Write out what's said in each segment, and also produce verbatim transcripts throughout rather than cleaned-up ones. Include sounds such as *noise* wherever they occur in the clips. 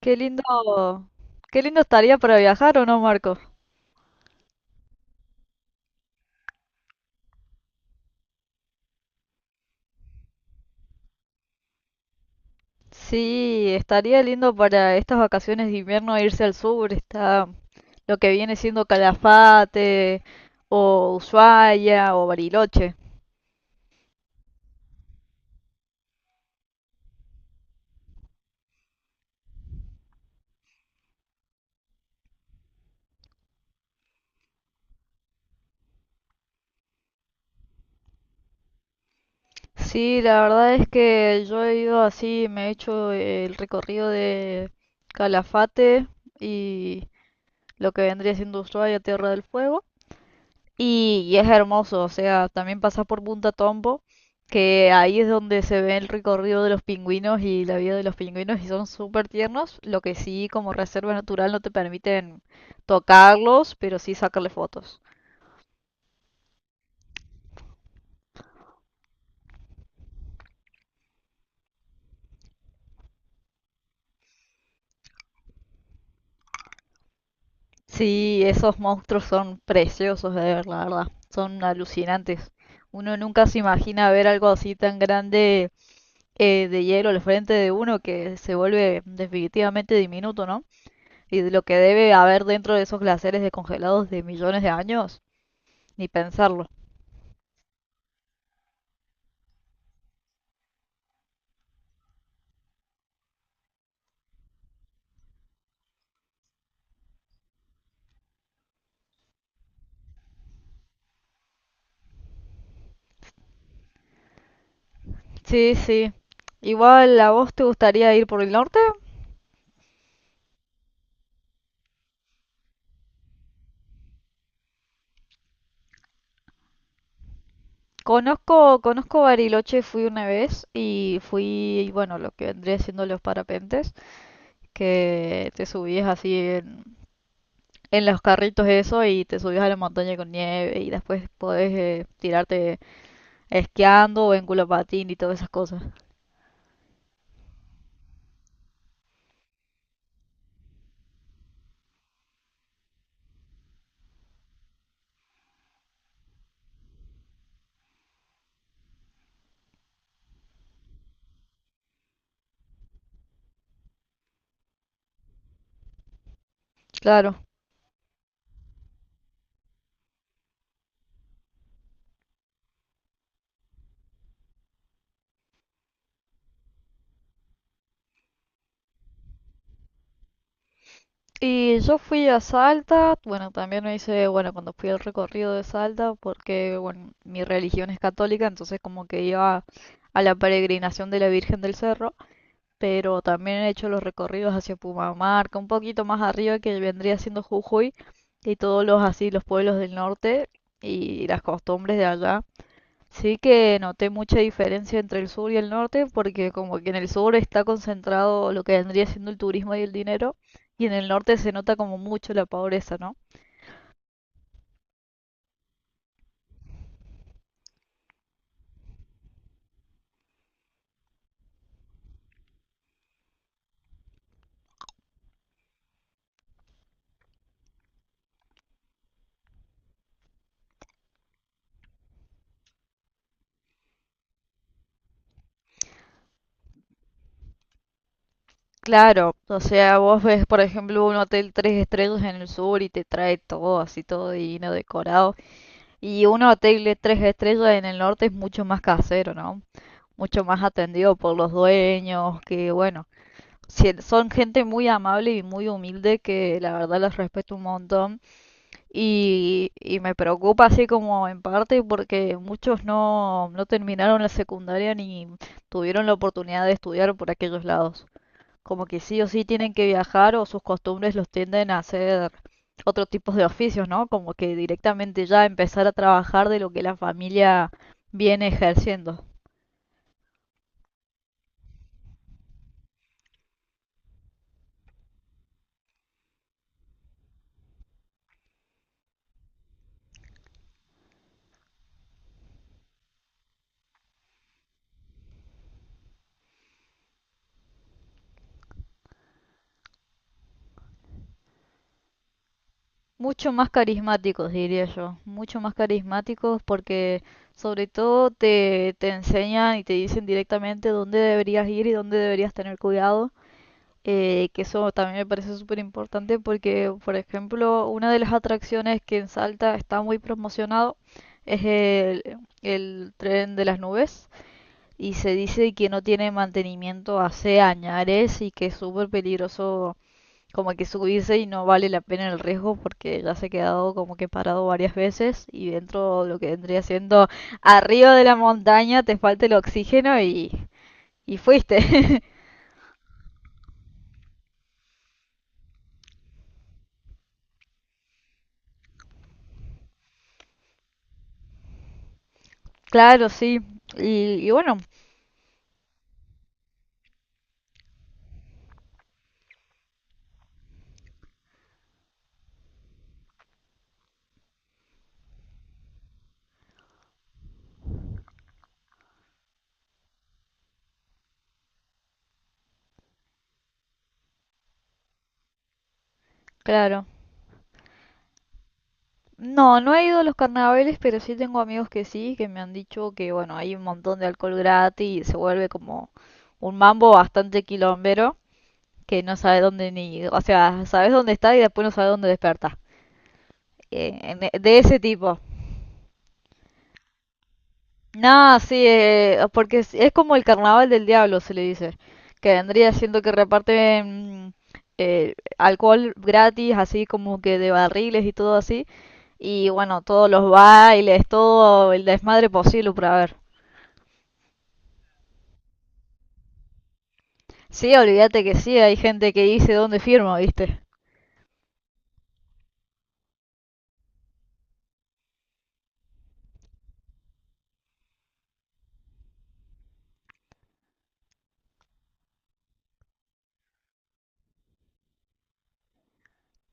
Qué lindo, qué lindo estaría para viajar, ¿o no, Marco? Sí, estaría lindo para estas vacaciones de invierno irse al sur, está lo que viene siendo Calafate, o Ushuaia, o Bariloche. Sí, la verdad es que yo he ido así, me he hecho el recorrido de Calafate y lo que vendría siendo Ushuaia, Tierra del Fuego. Y, y es hermoso, o sea, también pasas por Punta Tombo, que ahí es donde se ve el recorrido de los pingüinos y la vida de los pingüinos y son súper tiernos, lo que sí como reserva natural no te permiten tocarlos, pero sí sacarle fotos. Sí, esos monstruos son preciosos de ver, la verdad, son alucinantes. Uno nunca se imagina ver algo así tan grande, eh, de hielo al frente de uno que se vuelve definitivamente diminuto, ¿no? Y de lo que debe haber dentro de esos glaciares descongelados de millones de años, ni pensarlo. Sí, sí. Igual, ¿a vos te gustaría ir por el norte? Conozco, conozco Bariloche, fui una vez y fui, bueno, lo que vendría siendo los parapentes, que te subías así en, en los carritos eso y te subías a la montaña con nieve y después podés eh, tirarte esquiando o en culo patín y todas esas cosas. Claro. Y yo fui a Salta, bueno, también me hice, bueno, cuando fui al recorrido de Salta, porque, bueno, mi religión es católica, entonces como que iba a la peregrinación de la Virgen del Cerro, pero también he hecho los recorridos hacia Pumamarca, un poquito más arriba que vendría siendo Jujuy, y todos los así, los pueblos del norte y las costumbres de allá. Sí que noté mucha diferencia entre el sur y el norte, porque como que en el sur está concentrado lo que vendría siendo el turismo y el dinero, y en el norte se nota como mucho la pobreza, ¿no? Claro, o sea, vos ves, por ejemplo, un hotel tres estrellas en el sur y te trae todo así, todo divino, decorado, y un hotel de tres estrellas en el norte es mucho más casero, ¿no? Mucho más atendido por los dueños, que bueno, si- son gente muy amable y muy humilde que la verdad los respeto un montón. Y, y me preocupa así como en parte porque muchos no, no terminaron la secundaria ni tuvieron la oportunidad de estudiar por aquellos lados. Como que sí o sí tienen que viajar o sus costumbres los tienden a hacer otro tipo de oficios, ¿no? Como que directamente ya empezar a trabajar de lo que la familia viene ejerciendo. Mucho más carismáticos, diría yo, mucho más carismáticos porque sobre todo te, te enseñan y te dicen directamente dónde deberías ir y dónde deberías tener cuidado, eh, que eso también me parece súper importante porque, por ejemplo, una de las atracciones que en Salta está muy promocionado es el, el tren de las nubes y se dice que no tiene mantenimiento hace añares y que es súper peligroso como que subirse y no vale la pena el riesgo porque ya se ha quedado como que parado varias veces y dentro de lo que vendría siendo arriba de la montaña te falta el oxígeno y, y fuiste. *laughs* Claro, sí. Y, y bueno, claro. No, no he ido a los carnavales, pero sí tengo amigos que sí, que me han dicho que bueno, hay un montón de alcohol gratis y se vuelve como un mambo bastante quilombero que no sabe dónde ni, o sea, sabes dónde está y después no sabe dónde despertar. Eh, en- e, de ese tipo. No, sí, eh, porque es, es como el carnaval del diablo, se le dice, que vendría siendo que reparten mm, eh, alcohol gratis, así como que de barriles y todo así, y bueno, todos los bailes, todo el desmadre posible para ver. Sí, olvídate que sí, hay gente que dice dónde firma, ¿viste?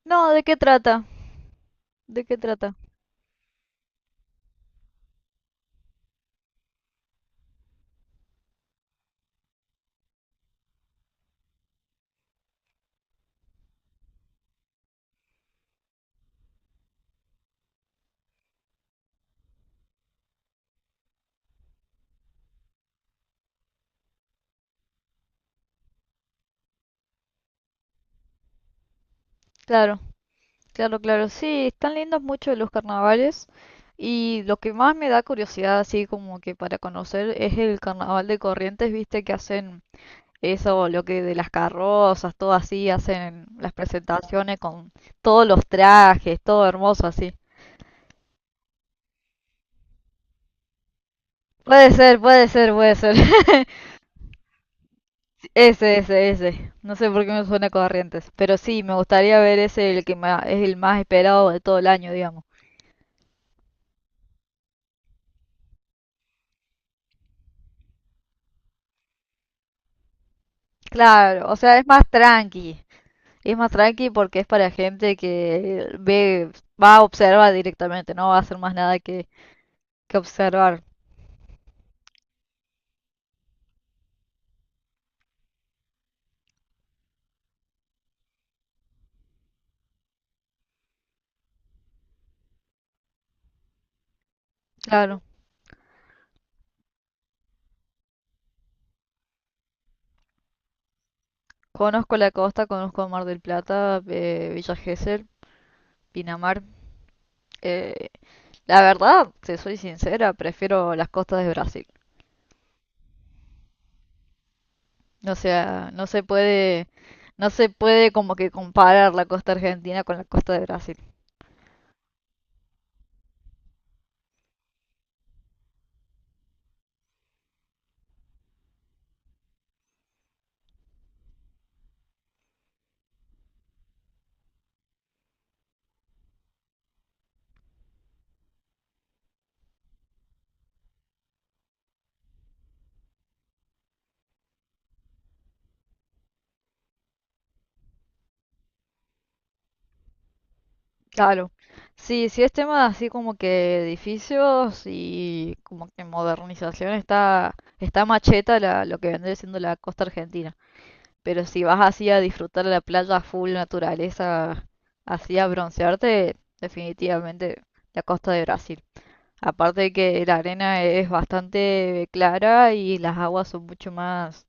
No, ¿de qué trata? ¿De qué trata? Claro. Claro, claro, sí, están lindos mucho los carnavales y lo que más me da curiosidad así como que para conocer es el carnaval de Corrientes, viste que hacen eso, lo que de las carrozas, todo así, hacen las presentaciones con todos los trajes, todo hermoso así. Puede ser, puede ser, puede ser. *laughs* Ese, ese, ese. No sé por qué me suena Corrientes, pero sí, me gustaría ver ese, el que ma- es el más esperado de todo el año, digamos. Claro, o sea, es más tranqui. Es más tranqui porque es para gente que ve, va a observar directamente, no va a hacer más nada que, que observar. Claro, conozco la costa, conozco Mar del Plata, eh, Villa Gesell, Pinamar. Eh, la verdad, si soy sincera, prefiero las costas de Brasil. O sea, no se puede, no se puede como que comparar la costa argentina con la costa de Brasil. Claro. Sí, sí es tema así como que edificios y como que modernización está, está macheta la, lo que vendría siendo la costa argentina. Pero si vas así a disfrutar la playa full naturaleza, así a broncearte, definitivamente la costa de Brasil. Aparte de que la arena es bastante clara y las aguas son mucho más,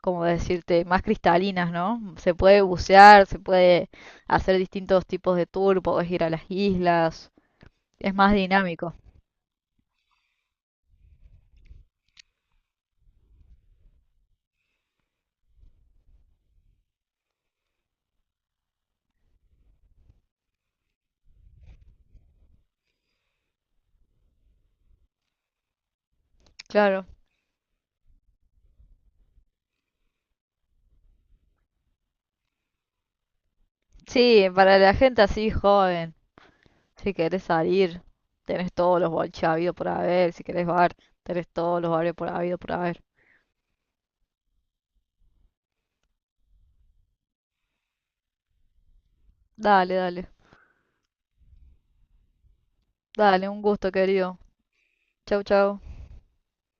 como decirte, más cristalinas, ¿no? Se puede bucear, se puede hacer distintos tipos de tour, podés ir a las islas, es más dinámico. Claro. Sí, para la gente así joven, si querés salir, tenés todos los boliches habidos por haber, si querés bar, tenés todos los bares por habido por haber. Dale, dale, dale, un gusto, querido. Chau, chau.